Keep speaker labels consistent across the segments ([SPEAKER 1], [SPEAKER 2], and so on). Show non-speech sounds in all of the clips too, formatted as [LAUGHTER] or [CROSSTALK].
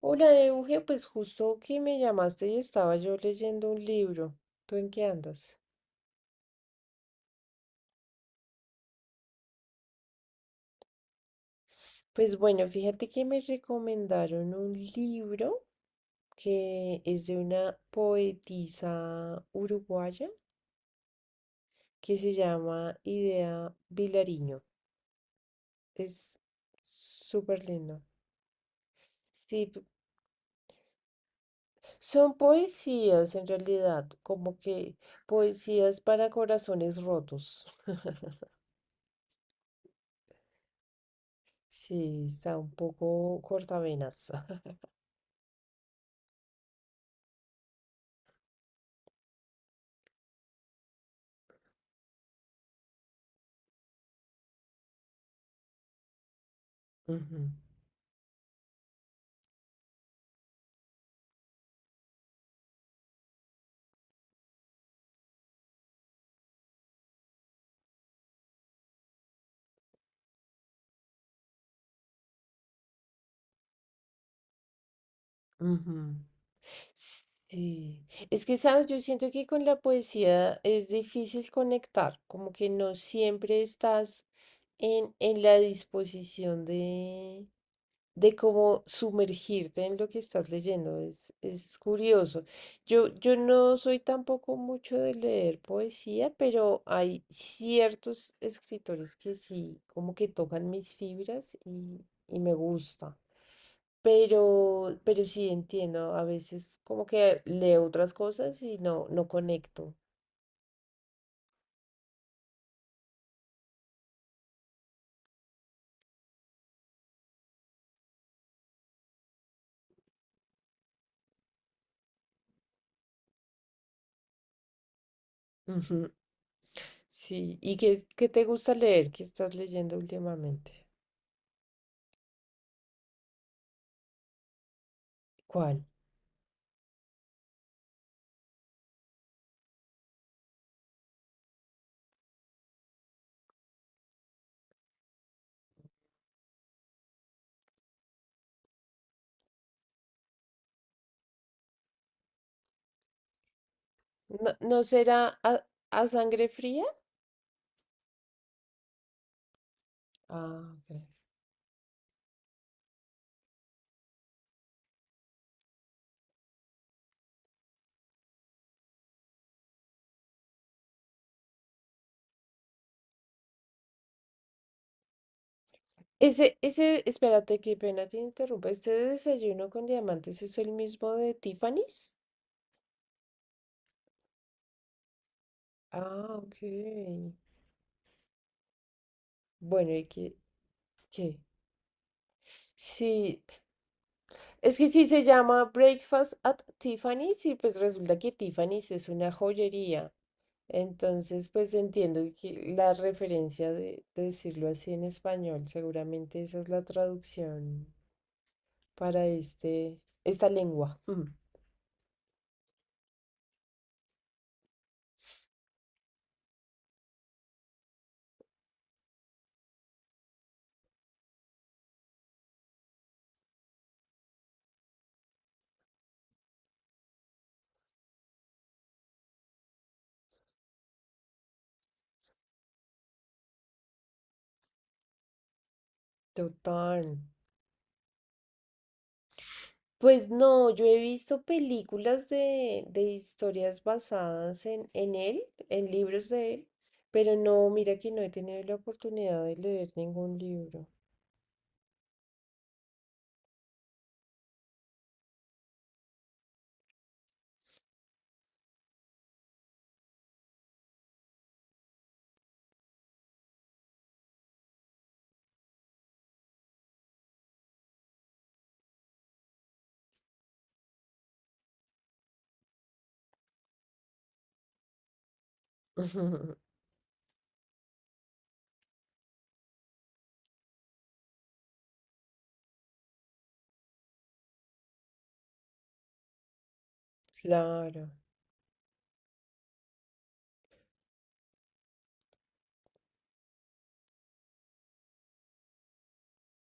[SPEAKER 1] Hola, Euge, pues justo que me llamaste y estaba yo leyendo un libro. ¿Tú en qué andas? Pues bueno, fíjate que me recomendaron un libro que es de una poetisa uruguaya que se llama Idea Vilariño. Es súper lindo. Sí, son poesías en realidad, como que poesías para corazones rotos. [LAUGHS] Sí, está un poco cortavenas. [LAUGHS] Ujú. Ujú. Sí, es que sabes, yo siento que con la poesía es difícil conectar, como que no siempre estás en la disposición de cómo sumergirte en lo que estás leyendo. Es curioso. Yo no soy tampoco mucho de leer poesía, pero hay ciertos escritores que sí, como que tocan mis fibras y me gusta. Pero sí entiendo, a veces como que leo otras cosas y no, no conecto. Ujú. Sí, ¿y qué, qué te gusta leer? ¿Qué estás leyendo últimamente? ¿Cuál? ¿No, no será a sangre fría? Ah, ok. Ese, espérate, qué pena te interrumpa. ¿Este desayuno con diamantes es el mismo de Tiffany's? Ah, ok. Bueno, ¿y qué, qué? Sí, es que sí se llama Breakfast at Tiffany's y pues resulta que Tiffany's es una joyería. Entonces, pues entiendo que la referencia de decirlo así en español, seguramente esa es la traducción para este, esta lengua. Ujú. Total. Pues no, yo he visto películas de historias basadas en él, en libros de él, pero no, mira que no he tenido la oportunidad de leer ningún libro. [LAUGHS] Claro,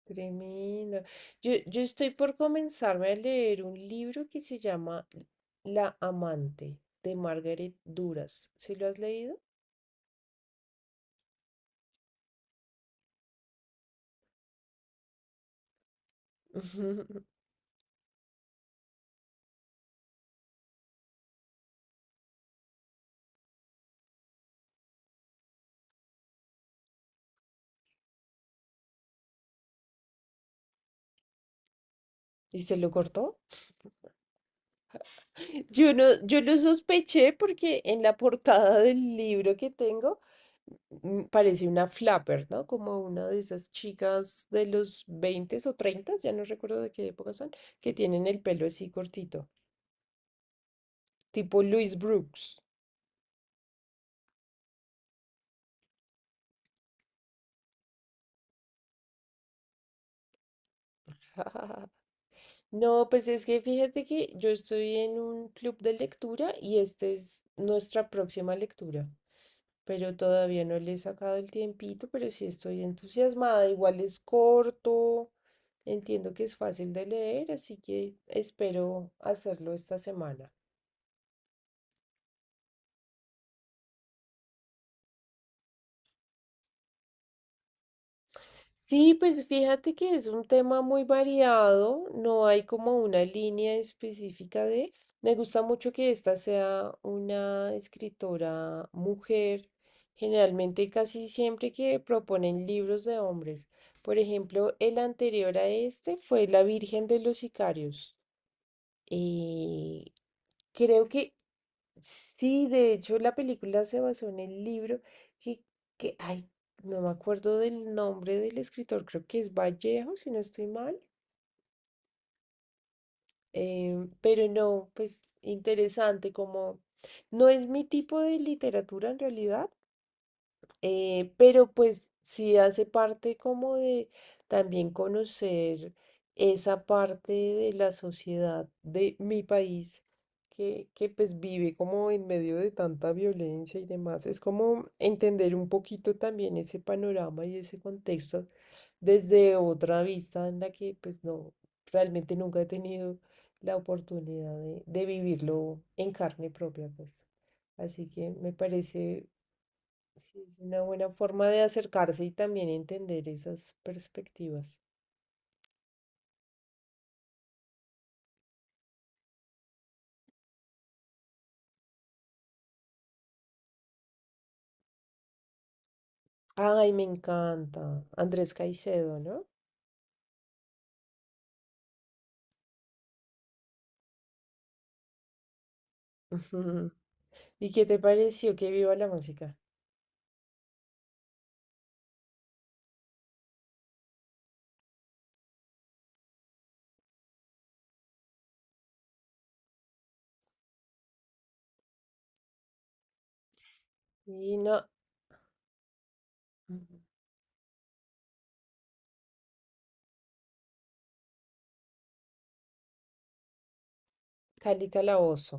[SPEAKER 1] tremendo. Yo estoy por comenzarme a leer un libro que se llama La amante de Margaret Duras. ¿Sí lo has leído? [LAUGHS] ¿Y se lo cortó? Yo no, yo lo sospeché porque en la portada del libro que tengo parece una flapper, ¿no? Como una de esas chicas de los 20 o treinta, ya no recuerdo de qué época son, que tienen el pelo así cortito, tipo Louis Brooks. [LAUGHS] No, pues es que fíjate que yo estoy en un club de lectura y esta es nuestra próxima lectura. Pero todavía no le he sacado el tiempito, pero sí estoy entusiasmada. Igual es corto, entiendo que es fácil de leer, así que espero hacerlo esta semana. Sí, pues fíjate que es un tema muy variado, no hay como una línea específica de... Me gusta mucho que esta sea una escritora mujer, generalmente casi siempre que proponen libros de hombres. Por ejemplo, el anterior a este fue La Virgen de los Sicarios. Y creo que sí, de hecho la película se basó en el libro que, que, ay, no me acuerdo del nombre del escritor, creo que es Vallejo, si no estoy mal, pero no, pues interesante, como no es mi tipo de literatura en realidad. Pero pues sí hace parte como de también conocer esa parte de la sociedad de mi país que pues vive como en medio de tanta violencia y demás. Es como entender un poquito también ese panorama y ese contexto desde otra vista en la que pues no, realmente nunca he tenido la oportunidad de vivirlo en carne propia, pues. Así que me parece. Sí, es una buena forma de acercarse y también entender esas perspectivas. Ay, me encanta. Andrés Caicedo, ¿no? [LAUGHS] ¿Y qué te pareció que viva la música? Y no, Cali Calabozo.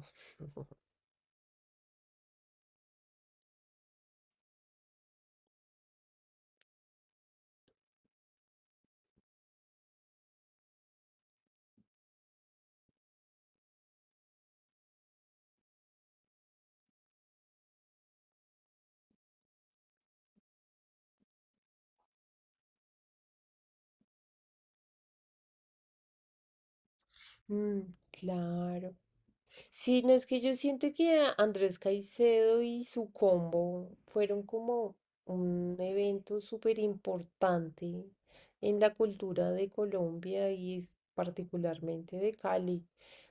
[SPEAKER 1] Mm, claro. Sí, no es que yo siento que Andrés Caicedo y su combo fueron como un evento súper importante en la cultura de Colombia y particularmente de Cali.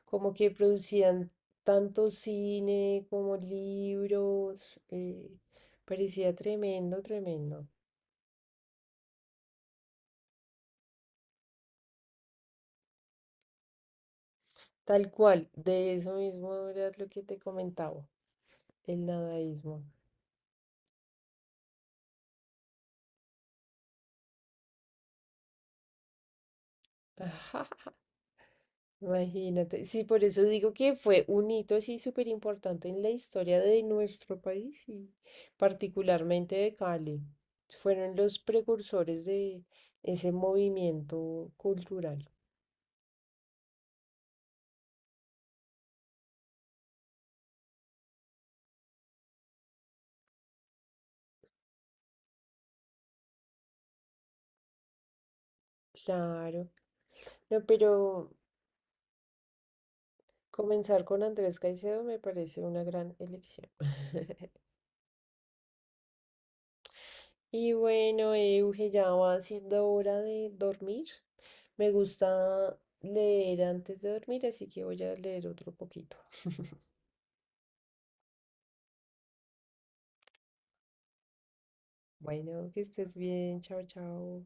[SPEAKER 1] Como que producían tanto cine como libros. Eh, parecía tremendo, tremendo. Tal cual, de eso mismo era lo que te comentaba, el nadaísmo. [LAUGHS] Imagínate, sí, por eso digo que fue un hito así súper importante en la historia de nuestro país y particularmente de Cali. Fueron los precursores de ese movimiento cultural. Claro. No, pero comenzar con Andrés Caicedo me parece una gran elección. [LAUGHS] Y bueno, Euge, ya va siendo hora de dormir. Me gusta leer antes de dormir, así que voy a leer otro poquito. Bueno, que estés bien. Chao, chao.